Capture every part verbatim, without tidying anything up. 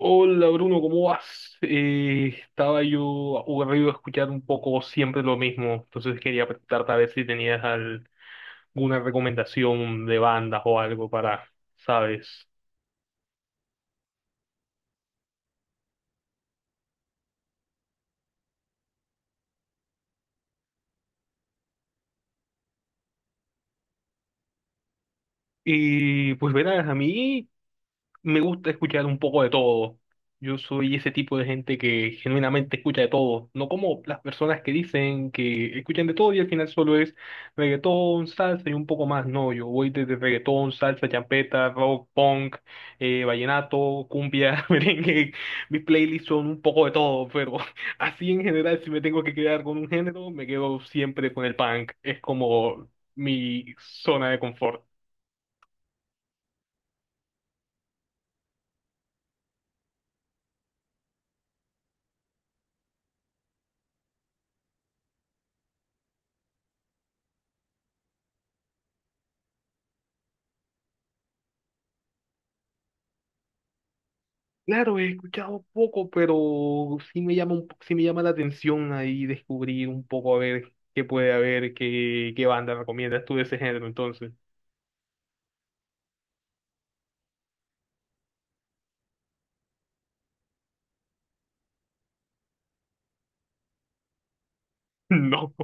Hola Bruno, ¿cómo vas? Eh, estaba yo aburrido de escuchar un poco siempre lo mismo, entonces quería preguntarte a ver si tenías al- alguna recomendación de bandas o algo para, ¿sabes? Y pues verás, a mí me gusta escuchar un poco de todo. Yo soy ese tipo de gente que genuinamente escucha de todo, no como las personas que dicen que escuchan de todo y al final solo es reggaetón, salsa y un poco más. No, yo voy desde reggaetón, salsa, champeta, rock, punk, eh, vallenato, cumbia, merengue. Mis playlists son un poco de todo, pero así en general, si me tengo que quedar con un género, me quedo siempre con el punk. Es como mi zona de confort. Claro, he escuchado poco, pero sí me llama un, po- sí me llama la atención ahí descubrir un poco a ver qué puede haber, qué, qué banda recomiendas tú de ese género, entonces. No,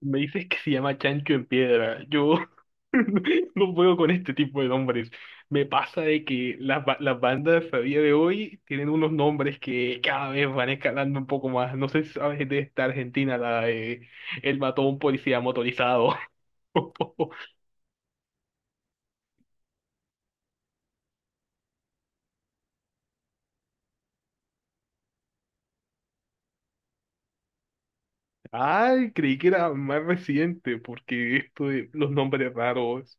me dices que se llama Chancho en Piedra. Yo no puedo con este tipo de nombres. Me pasa de que las, ba- las bandas a día de hoy tienen unos nombres que cada vez van escalando un poco más. No sé si sabes de esta Argentina, la de El Mató a un Policía Motorizado. Ay, creí que era más reciente, porque esto de los nombres raros,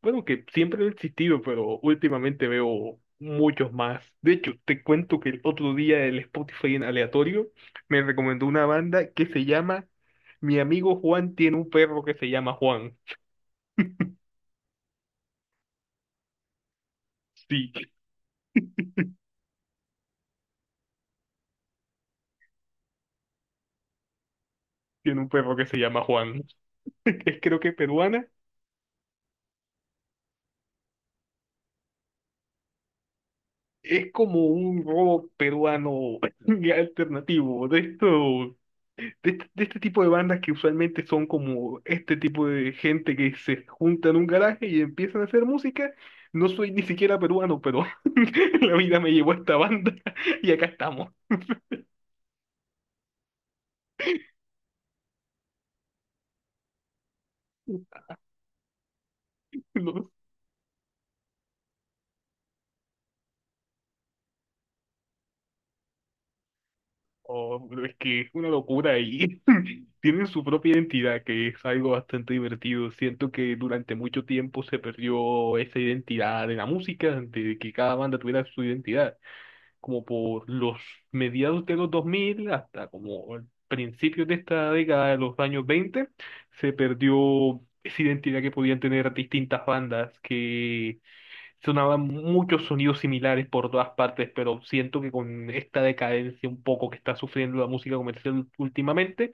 bueno, que siempre han existido, pero últimamente veo muchos más. De hecho, te cuento que el otro día el Spotify en aleatorio me recomendó una banda que se llama Mi amigo Juan tiene un perro que se llama Juan. Sí, tiene un perro que se llama Juan. Es creo que peruana. Es como un rock peruano alternativo, de esto de este, de este tipo de bandas que usualmente son como este tipo de gente que se junta en un garaje y empiezan a hacer música. No soy ni siquiera peruano, pero la vida me llevó a esta banda y acá estamos. No, oh, pero es que es una locura y tienen su propia identidad, que es algo bastante divertido. Siento que durante mucho tiempo se perdió esa identidad de la música, de que cada banda tuviera su identidad. Como por los mediados de los dos mil hasta como el principio de esta década de los años veinte, se perdió esa identidad que podían tener distintas bandas que sonaban muchos sonidos similares por todas partes, pero siento que con esta decadencia un poco que está sufriendo la música comercial últimamente,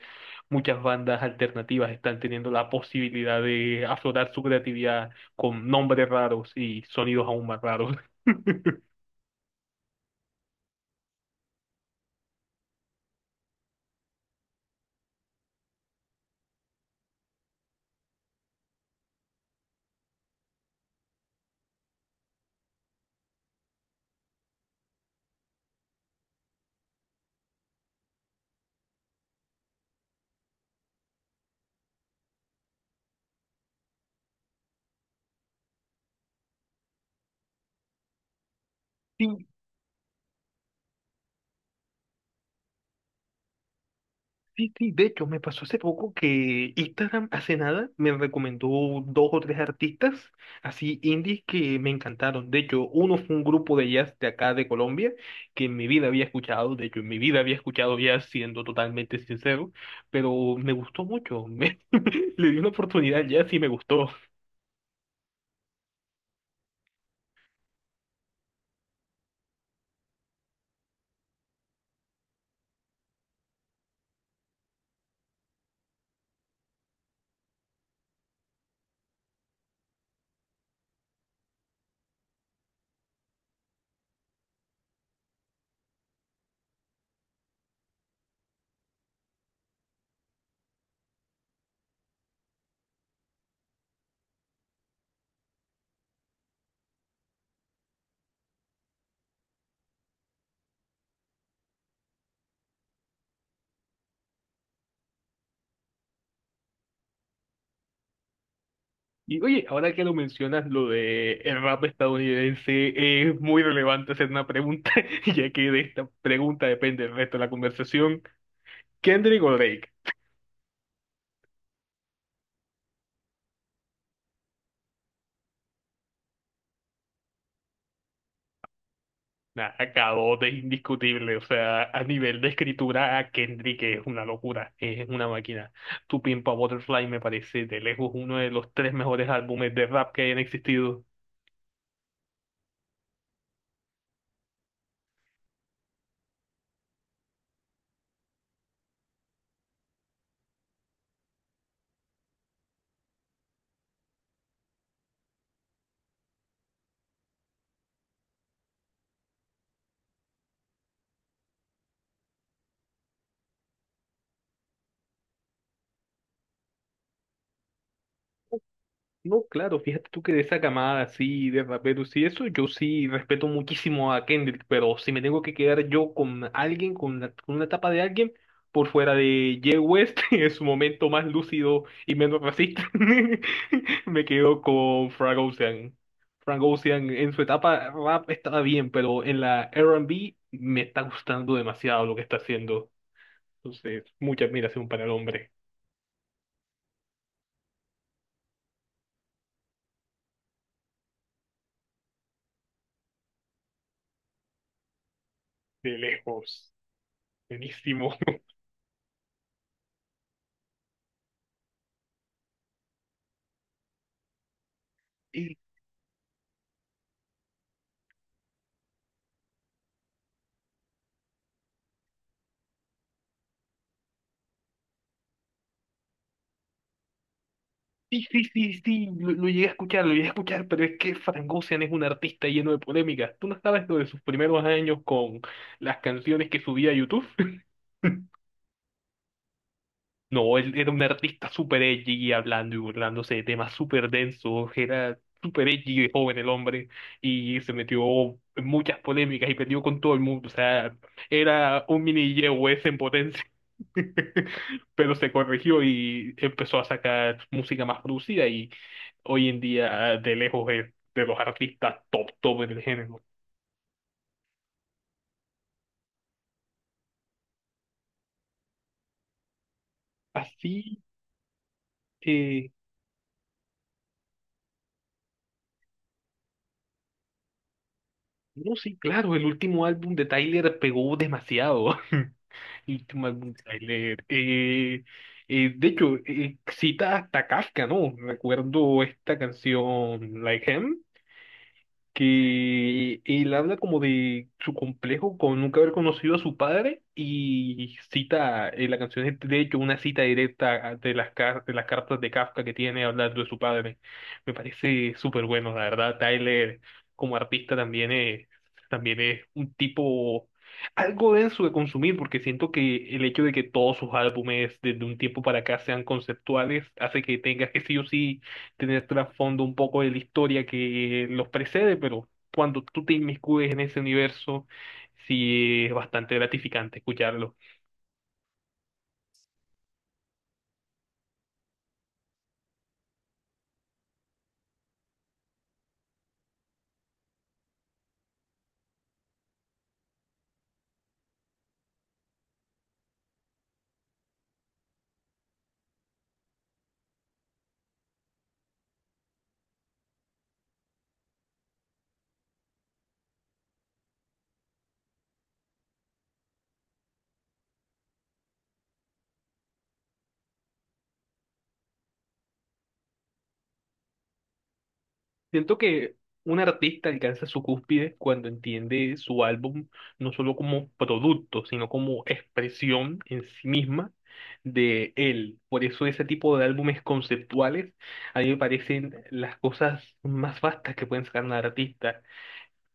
muchas bandas alternativas están teniendo la posibilidad de aflorar su creatividad con nombres raros y sonidos aún más raros. Sí. Sí, sí, de hecho, me pasó hace poco que Instagram hace nada me recomendó dos o tres artistas así indies que me encantaron. De hecho, uno fue un grupo de jazz de acá de Colombia que en mi vida había escuchado, de hecho, en mi vida había escuchado jazz siendo totalmente sincero, pero me gustó mucho. Me- le di una oportunidad al jazz y me gustó. Y oye, ahora que lo mencionas, lo de el rap estadounidense eh, es muy relevante hacer una pregunta, ya que de esta pregunta depende el resto de la conversación. ¿Kendrick o Drake? Nada, K O es indiscutible, o sea, a nivel de escritura, Kendrick es una locura, es una máquina. Tu Pimp a Butterfly me parece de lejos uno de los tres mejores álbumes de rap que hayan existido. No, claro, fíjate tú que de esa camada así de raperos y eso, yo sí respeto muchísimo a Kendrick, pero si me tengo que quedar yo con alguien, con la- con una etapa de alguien, por fuera de Ye West, en su momento más lúcido y menos racista, me quedo con Frank Ocean. Frank Ocean en su etapa rap estaba bien, pero en la R and B me está gustando demasiado lo que está haciendo. Entonces, mucha admiración para el hombre, de lejos, buenísimo. Sí, sí, sí, sí, lo, lo llegué a escuchar, lo llegué a escuchar, pero es que Frank es un artista lleno de polémicas. ¿Tú no sabes lo de sus primeros años con las canciones que subía a YouTube? No, él era un artista súper edgy, hablando y burlándose de temas súper densos, era súper edgy de joven el hombre, y se metió en muchas polémicas y perdió con todo el mundo, o sea, era un mini Yehue en potencia. Pero se corrigió y empezó a sacar música más producida y hoy en día de lejos es de los artistas top top en el género. Así que, no, sí, claro, el último álbum de Tyler pegó demasiado. El último álbum de Tyler. Eh, eh, de hecho, eh, cita hasta Kafka, ¿no? Recuerdo esta canción, Like Him. Que él habla como de su complejo con nunca haber conocido a su padre y cita, eh, la canción es de hecho una cita directa de las, car- de las cartas de Kafka que tiene hablando de su padre. Me parece súper bueno, la verdad. Tyler como artista también es, también es un tipo algo denso de consumir porque siento que el hecho de que todos sus álbumes desde un tiempo para acá sean conceptuales hace que tengas que sí o sí tener trasfondo un poco de la historia que los precede, pero cuando tú te inmiscuyes en ese universo, sí es bastante gratificante escucharlo. Siento que un artista alcanza su cúspide cuando entiende su álbum no solo como producto, sino como expresión en sí misma de él. Por eso ese tipo de álbumes conceptuales a mí me parecen las cosas más vastas que pueden sacar un artista.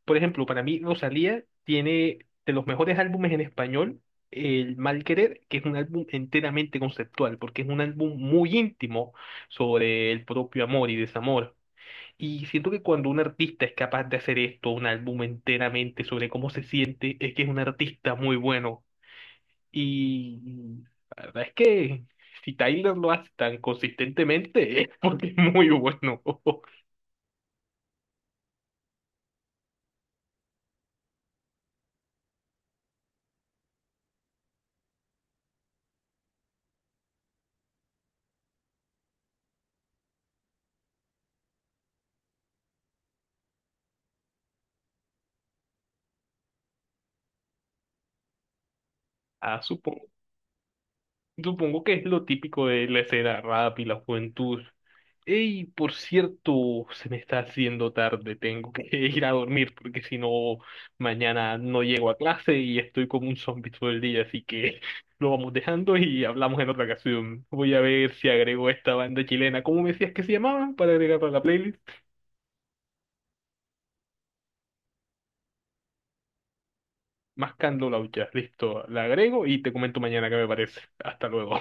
Por ejemplo, para mí Rosalía tiene de los mejores álbumes en español, El Mal Querer, que es un álbum enteramente conceptual, porque es un álbum muy íntimo sobre el propio amor y desamor. Y siento que cuando un artista es capaz de hacer esto, un álbum enteramente sobre cómo se siente, es que es un artista muy bueno. Y la verdad es que si Tyler lo hace tan consistentemente, es porque es muy bueno. Ah, supongo. Supongo que es lo típico de la escena rap y la juventud. Ey, por cierto, se me está haciendo tarde, tengo que ir a dormir porque si no, mañana no llego a clase y estoy como un zombie todo el día, así que lo vamos dejando y hablamos en otra ocasión. Voy a ver si agrego esta banda chilena, ¿cómo me decías que se llamaba? Para agregarla a la playlist. Mascando Lauchas, listo, la agrego y te comento mañana qué me parece. Hasta luego.